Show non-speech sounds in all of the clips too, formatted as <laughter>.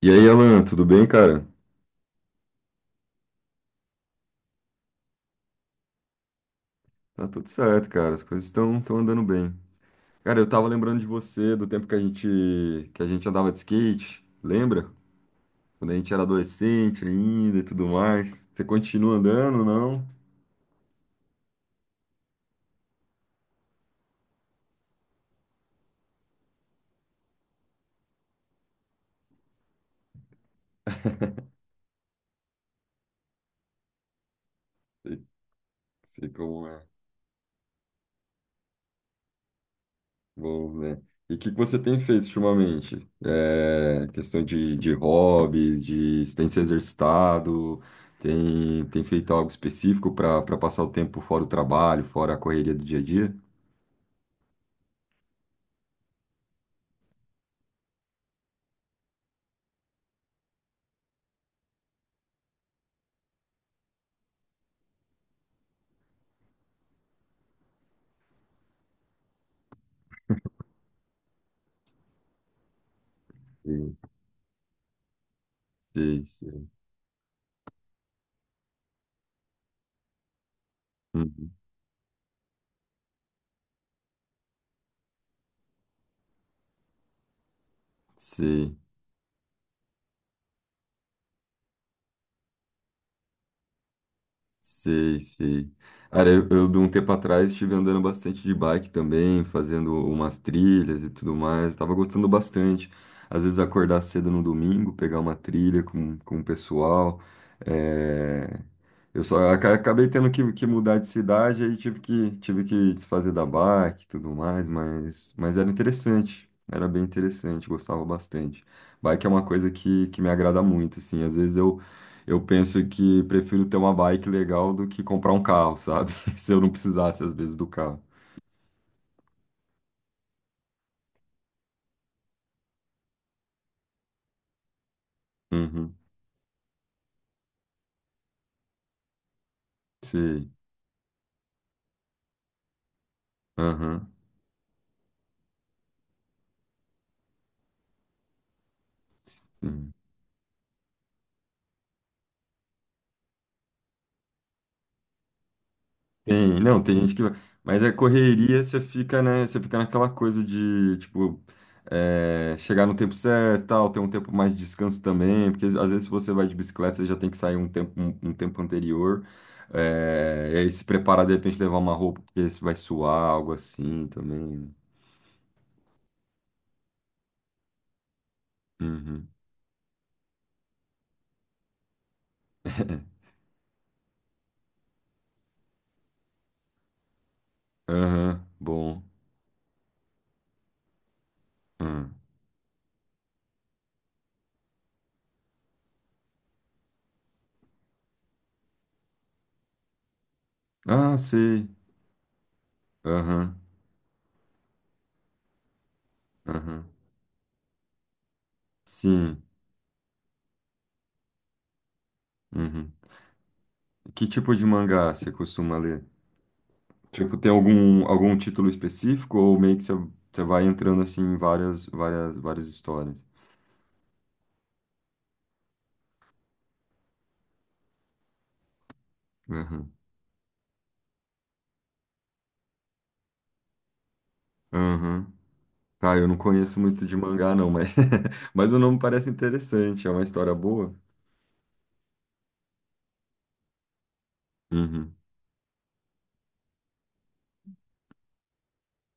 E aí, Alan, tudo bem, cara? Tá tudo certo, cara. As coisas estão andando bem. Cara, eu tava lembrando de você, do tempo que a gente andava de skate, lembra? Quando a gente era adolescente ainda e tudo mais. Você continua andando, não? Sei, sei como é. Bom, né? E o que que você tem feito ultimamente? É, questão de hobbies, de você tem se exercitado, tem feito algo específico para passar o tempo fora o trabalho, fora a correria do dia a dia? Sim, sim. Sim. Uhum. Sei, sei, sei. Cara, eu de um tempo atrás estive andando bastante de bike também, fazendo umas trilhas e tudo mais. Tava gostando bastante. Às vezes acordar cedo no domingo, pegar uma trilha com o pessoal. É, eu só acabei tendo que mudar de cidade, aí tive tive que desfazer da bike e tudo mais, mas era interessante. Era bem interessante, gostava bastante. Bike é uma coisa que me agrada muito, assim. Às vezes eu penso que prefiro ter uma bike legal do que comprar um carro, sabe? <laughs> Se eu não precisasse, às vezes, do carro. Uhum. Sei. Aham. Sim. Tem, não, tem gente que. Mas a correria, você fica, né? Você fica naquela coisa de, tipo, é, chegar no tempo certo, tal, ter um tempo mais de descanso também. Porque às vezes, se você vai de bicicleta, você já tem que sair um tempo, um tempo anterior. É, e aí se preparar, de repente, levar uma roupa, porque você vai suar, algo assim também, né? Uhum. <laughs> Aham, bom. Hum. Ah, sei. Aham, aham. Sim. Uhum. Que tipo de mangá você costuma ler? Tipo, tem algum, algum título específico ou meio que você, você vai entrando assim em várias, várias, várias histórias? Aham, aham. Ah, eu não conheço muito de mangá, não, mas, <laughs> mas o nome parece interessante. É uma história boa? Uhum.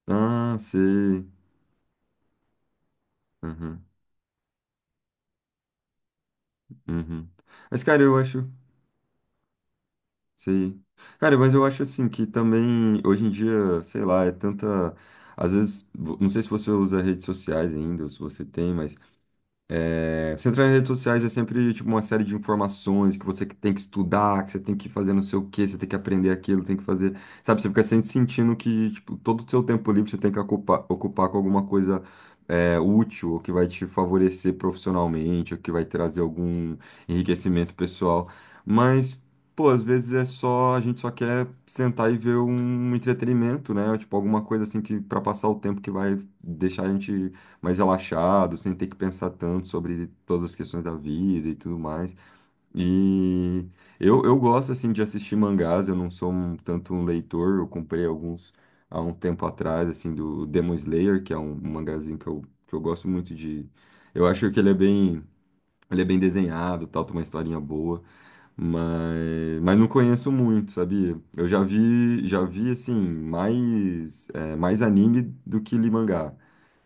Ah, sei. Uhum, uhum. Mas, cara, eu acho. Sim. Cara, mas eu acho assim que também hoje em dia, sei lá, é tanta. Às vezes, não sei se você usa redes sociais ainda, ou se você tem, mas é, você entrar em redes sociais é sempre tipo uma série de informações que você que tem que estudar, que você tem que fazer não sei o quê, você tem que aprender aquilo, tem que fazer, sabe? Você fica sempre sentindo que tipo, todo o seu tempo livre você tem que ocupar com alguma coisa é, útil, ou que vai te favorecer profissionalmente, ou que vai trazer algum enriquecimento pessoal. Mas, pô, às vezes é só, a gente só quer sentar e ver um entretenimento, né? Tipo, alguma coisa assim que para passar o tempo que vai deixar a gente mais relaxado, sem ter que pensar tanto sobre todas as questões da vida e tudo mais. E eu gosto, assim, de assistir mangás, eu não sou tanto um leitor, eu comprei alguns há um tempo atrás, assim, do Demon Slayer, que é um mangazinho que eu gosto muito de... Eu acho que ele é bem... Ele é bem desenhado, tal, tem uma historinha boa, mas não conheço muito, sabia? Eu já vi assim, mais, é, mais anime do que li mangá.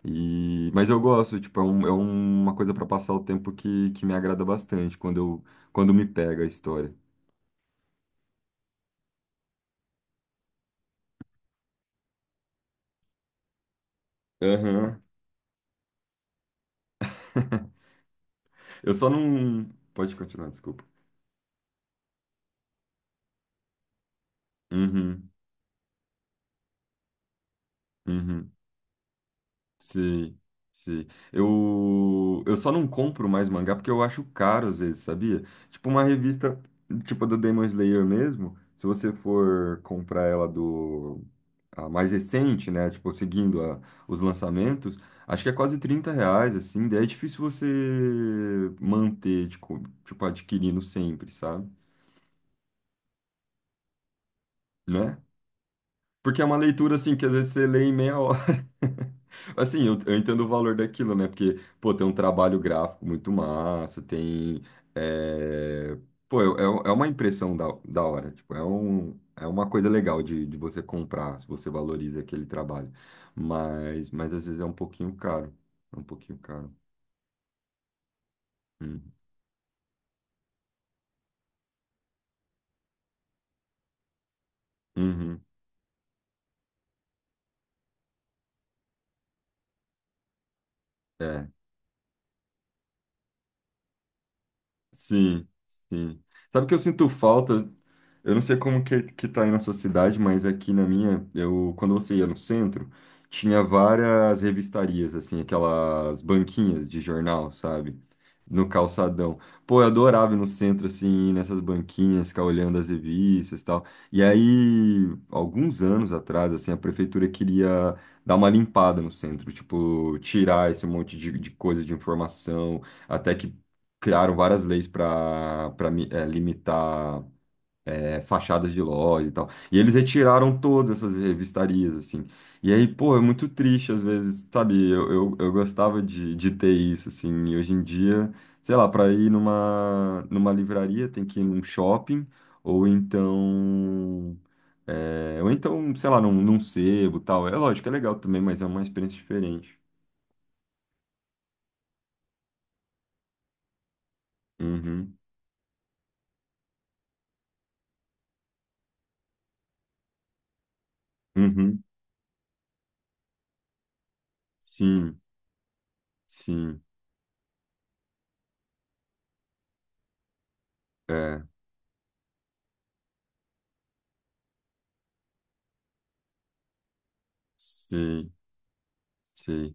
E, mas eu gosto, tipo, é, é uma coisa para passar o tempo que me agrada bastante quando eu, quando me pega a história. Aham. Eu só não. Pode continuar, desculpa. Uhum, uhum. Sim, sim. Eu só não compro mais mangá porque eu acho caro às vezes, sabia? Tipo uma revista, tipo a do Demon Slayer mesmo, se você for comprar ela do a mais recente, né? Tipo, seguindo os lançamentos, acho que é quase R$ 30, assim, daí é difícil você manter, tipo, tipo, adquirindo sempre, sabe? Né? Porque é uma leitura, assim, que às vezes você lê em meia hora. <laughs> Assim, eu entendo o valor daquilo, né? Porque, pô, tem um trabalho gráfico muito massa, tem... é, pô, é, é uma impressão da hora. Tipo, é é uma coisa legal de você comprar, se você valoriza aquele trabalho. Mas às vezes é um pouquinho caro. É um pouquinho caro. Uhum. Uhum. É. Sim, sim. Sabe o que eu sinto falta? Eu não sei como que tá aí na sua cidade, mas aqui na minha, eu, quando você ia no centro, tinha várias revistarias, assim, aquelas banquinhas de jornal, sabe? No calçadão. Pô, eu adorava ir no centro, assim, nessas banquinhas, ficar olhando as revistas e tal. E aí, alguns anos atrás, assim, a prefeitura queria dar uma limpada no centro, tipo, tirar esse monte de coisa de informação até que criaram várias leis para limitar é, fachadas de lojas e tal. E eles retiraram todas essas revistarias, assim. E aí, pô, é muito triste às vezes, sabe? Eu gostava de ter isso, assim. E hoje em dia, sei lá, para ir numa livraria tem que ir num shopping, ou então. É, ou então, sei lá, num sebo e tal. É lógico, é legal também, mas é uma experiência diferente. Uhum, uhum, sim, sim, é, sim. Sei.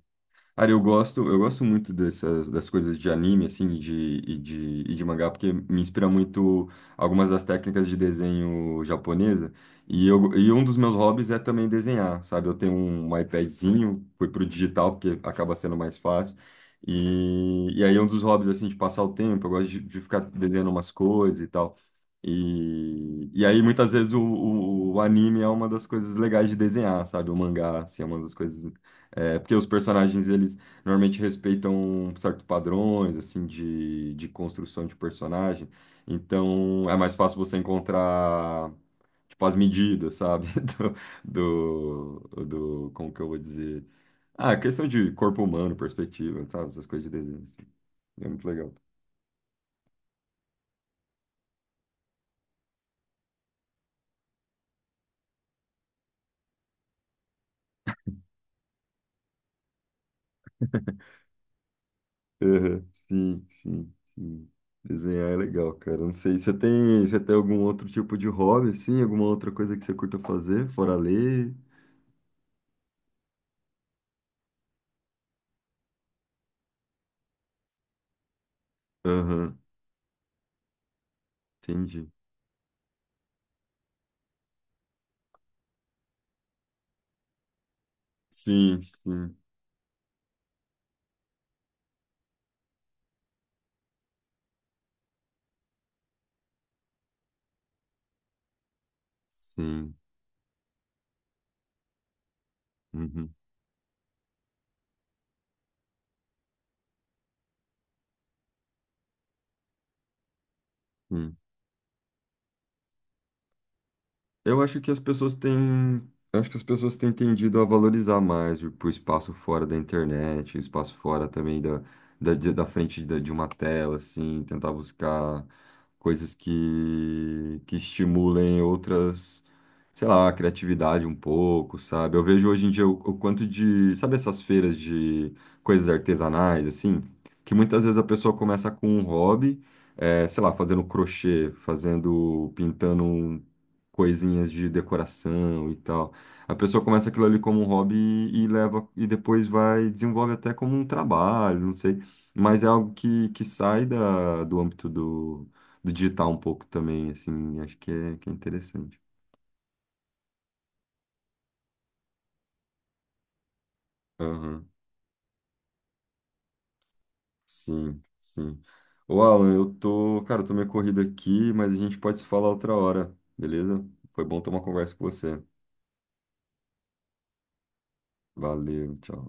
Cara, eu gosto muito dessas das coisas de anime, assim, e de, e de mangá, porque me inspira muito algumas das técnicas de desenho japonesa. E, eu, e um dos meus hobbies é também desenhar, sabe? Eu tenho um iPadzinho, fui pro digital, porque acaba sendo mais fácil. E aí é um dos hobbies, assim, de passar o tempo, eu gosto de ficar desenhando umas coisas e tal. E aí, muitas vezes, o anime é uma das coisas legais de desenhar, sabe? O mangá, assim, é uma das coisas é, porque os personagens, eles normalmente respeitam certos padrões, assim, de construção de personagem. Então, é mais fácil você encontrar, tipo, as medidas, sabe? <laughs> Do, do, do- como que eu vou dizer? Ah, questão de corpo humano, perspectiva, sabe? Essas coisas de desenho, assim. É muito legal. Uhum. Sim, sim, sim. Desenhar é legal, cara. Não sei, você tem algum outro tipo de hobby, assim? Alguma outra coisa que você curta fazer, fora ler? Aham. Entendi. Sim, sim, sim. Uhum, sim. Eu acho que as pessoas têm, eu acho que as pessoas têm tendido a valorizar mais o espaço fora da internet, o espaço fora também da, da frente de uma tela, assim, tentar buscar coisas que estimulem outras, sei lá, a criatividade um pouco, sabe? Eu vejo hoje em dia o quanto de, sabe essas feiras de coisas artesanais, assim, que muitas vezes a pessoa começa com um hobby, sei lá, fazendo crochê, fazendo, pintando um coisinhas de decoração e tal. A pessoa começa aquilo ali como um hobby e leva e depois vai desenvolve até como um trabalho, não sei, mas é algo que sai da, do âmbito do, do digital um pouco também, assim, acho que é interessante. Aham, sim, sim. Ô, Alan, eu tô, cara, eu tô meio corrido aqui, mas a gente pode se falar outra hora, beleza? Foi bom ter uma conversa com você. Valeu, tchau.